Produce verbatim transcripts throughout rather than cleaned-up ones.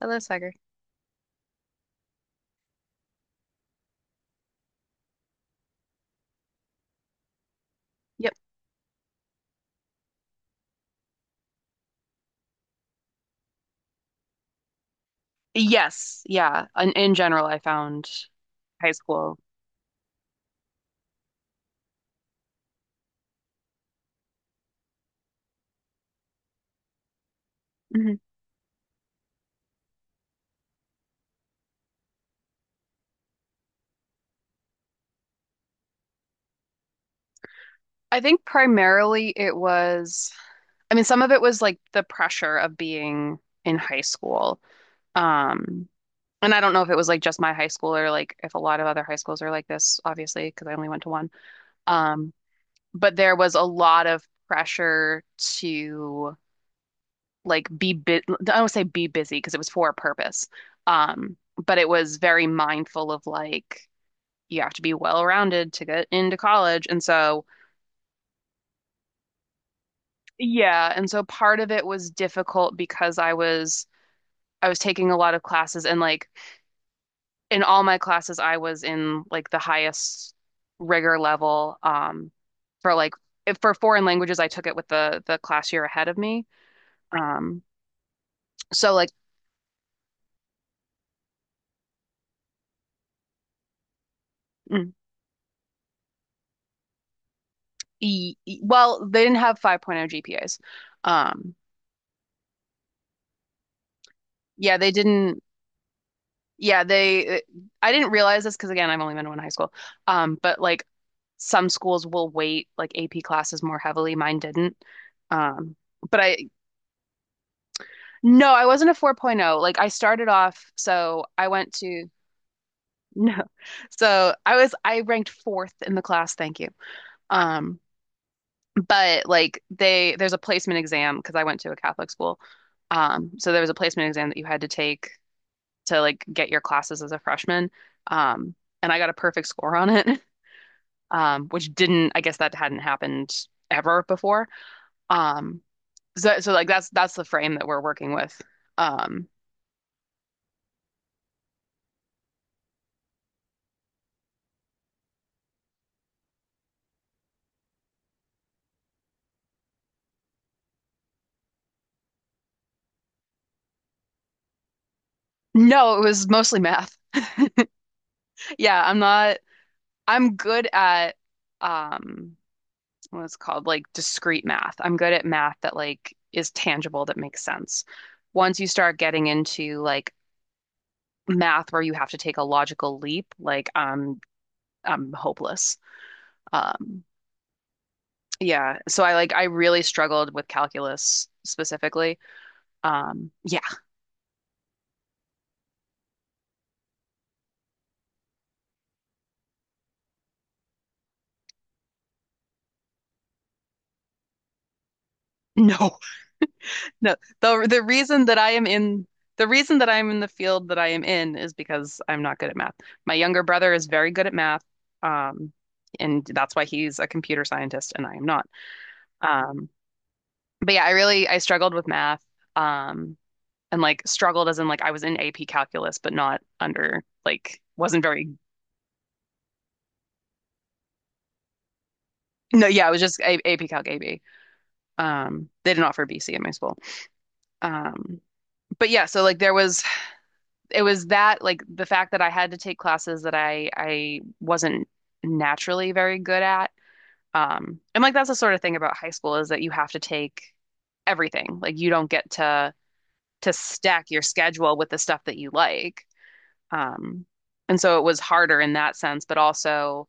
I love soccer. Yep. Yes. Yeah. In, in general, I found high school. hmm I think primarily it was, I mean, some of it was like the pressure of being in high school. Um, and I don't know if it was like just my high school or like if a lot of other high schools are like this, obviously, because I only went to one. Um, but there was a lot of pressure to like be bit, I don't say be busy because it was for a purpose. Um, but it was very mindful of like, you have to be well-rounded to get into college. And so, yeah, and so part of it was difficult because I was I was taking a lot of classes and like in all my classes I was in like the highest rigor level um for like if for foreign languages I took it with the the class year ahead of me. Um so like mm, e, e- well, they didn't have 5.0 G P As. Um yeah, they didn't Yeah, they I didn't realize this because again, I've only been to one high school. Um, but like some schools will weight like A P classes more heavily. Mine didn't. Um, but I No, I wasn't a 4.0. Like I started off, so I went to. no. So I was I ranked fourth in the class, thank you. Um, but like they there's a placement exam because I went to a Catholic school. Um, so there was a placement exam that you had to take to like get your classes as a freshman. Um, and I got a perfect score on it, um, which didn't, I guess that hadn't happened ever before. Um, so, so like that's that's the frame that we're working with. Um, no, it was mostly math. Yeah, I'm not, I'm good at um what it's called like discrete math. I'm good at math that like is tangible that makes sense. Once you start getting into like math where you have to take a logical leap, like I'm I'm hopeless. Um, yeah, so I like I really struggled with calculus specifically. Um, yeah, no, no. The the reason that I am in the reason that I'm in the field that I am in is because I'm not good at math. My younger brother is very good at math, um, and that's why he's a computer scientist and I am not. Um, but yeah, I really I struggled with math, um, and like struggled as in like I was in A P calculus, but not under like wasn't very. No, yeah, it was just A AP Calc A B. Um, they didn't offer B C at my school. Um, but yeah, so like there was it was that like the fact that I had to take classes that I I wasn't naturally very good at. Um, and like that's the sort of thing about high school is that you have to take everything. Like you don't get to to stack your schedule with the stuff that you like. Um, and so it was harder in that sense, but also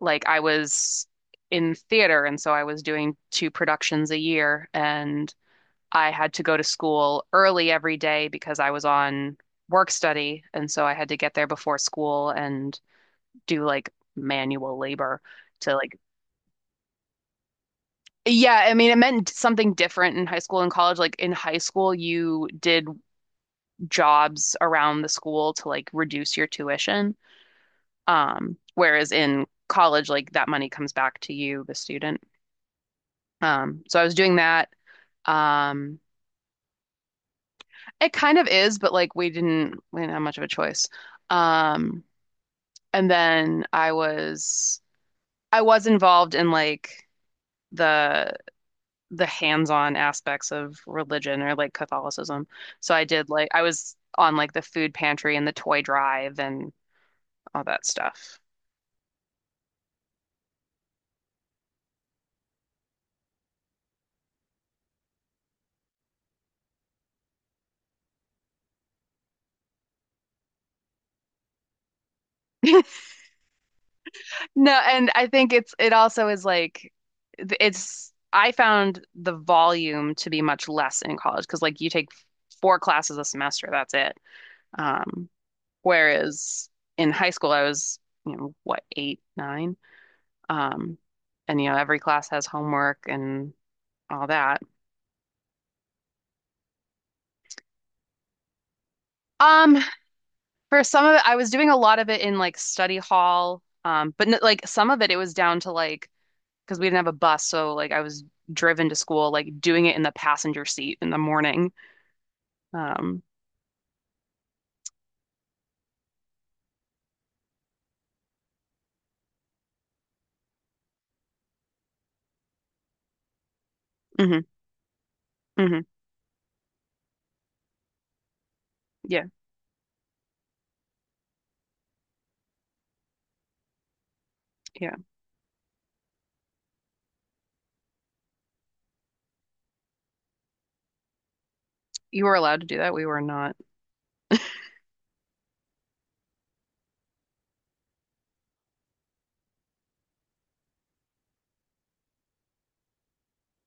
like I was in theater and so I was doing two productions a year, and I had to go to school early every day because I was on work study. And so I had to get there before school and do like manual labor to like, yeah, I mean, it meant something different in high school and college. Like in high school, you did jobs around the school to like reduce your tuition. Um, whereas in college, like that money comes back to you, the student. Um, so I was doing that. Um, it kind of is, but like we didn't we didn't have much of a choice. Um, And then I was I was involved in like the the hands-on aspects of religion or like Catholicism. So I did like I was on like the food pantry and the toy drive and all that stuff. No, and I think it's it also is like it's I found the volume to be much less in college because like you take four classes a semester, that's it. Um, Whereas in high school I was, you know, what, eight, nine? Um, and you know, every class has homework and all that. Um, for some of it, I was doing a lot of it in like study hall. Um, but n like Some of it, it was down to like because we didn't have a bus, so like I was driven to school, like doing it in the passenger seat in the morning. Um, hmm hmm yeah, yeah. You were allowed to do that. We were not.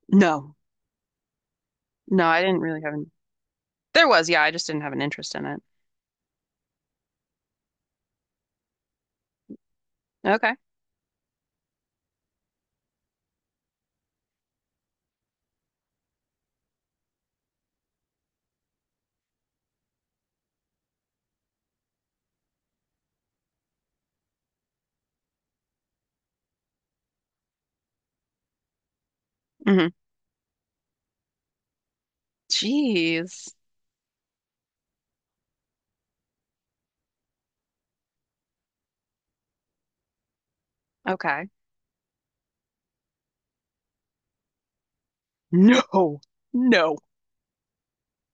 No, no, I didn't really have an. There was, yeah, I just didn't have an interest in it. Okay. hmm Jeez. Okay. No, no,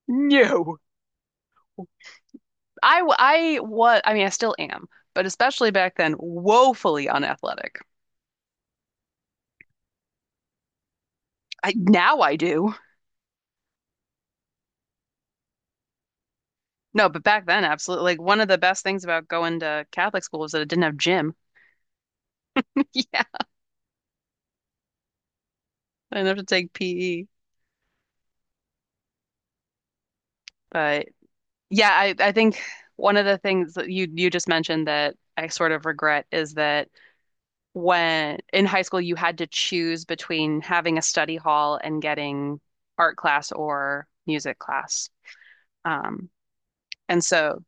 no. I w- I was I mean I still am, but especially back then, woefully unathletic. I now I do. No, but back then, absolutely. Like one of the best things about going to Catholic school was that it didn't have gym. Yeah, I didn't have to take P E. But yeah, I I think one of the things that you you just mentioned that I sort of regret is that when in high school you had to choose between having a study hall and getting art class or music class. Um, and so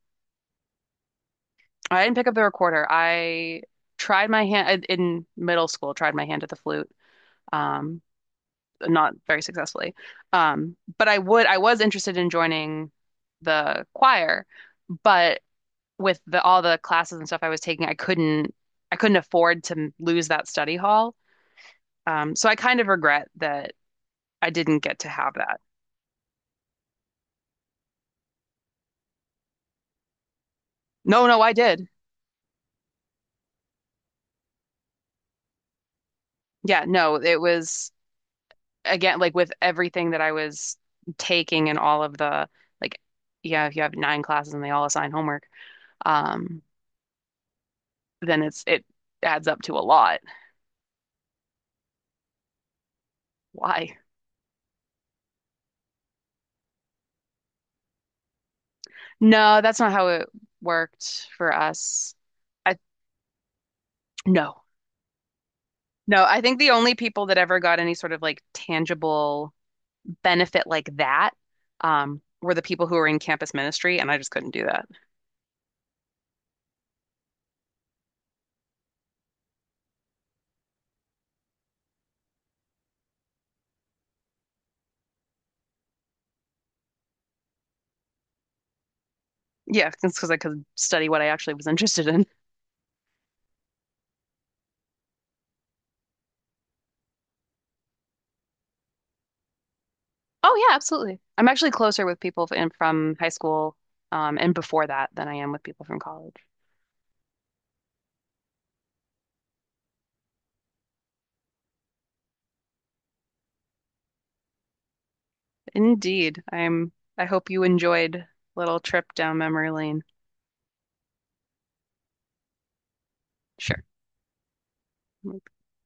I didn't pick up the recorder. I tried my hand I- in middle school, tried my hand at the flute, um, not very successfully. Um, but I would, I was interested in joining the choir, but with the all the classes and stuff I was taking, I couldn't, I couldn't afford to lose that study hall. Um, so I kind of regret that I didn't get to have that. No, no, I did. Yeah, no, it was again, like with everything that I was taking and all of the like, yeah, if you have nine classes and they all assign homework, um, then it's it adds up to a lot. Why? No, that's not how it worked for us. I No. No, I think the only people that ever got any sort of like tangible benefit like that um, were the people who were in campus ministry, and I just couldn't do that. Yeah, it's because I could study what I actually was interested in. Oh yeah, absolutely. I'm actually closer with people in, from high school um, and before that than I am with people from college. Indeed, I'm. I hope you enjoyed little trip down memory lane. Sure.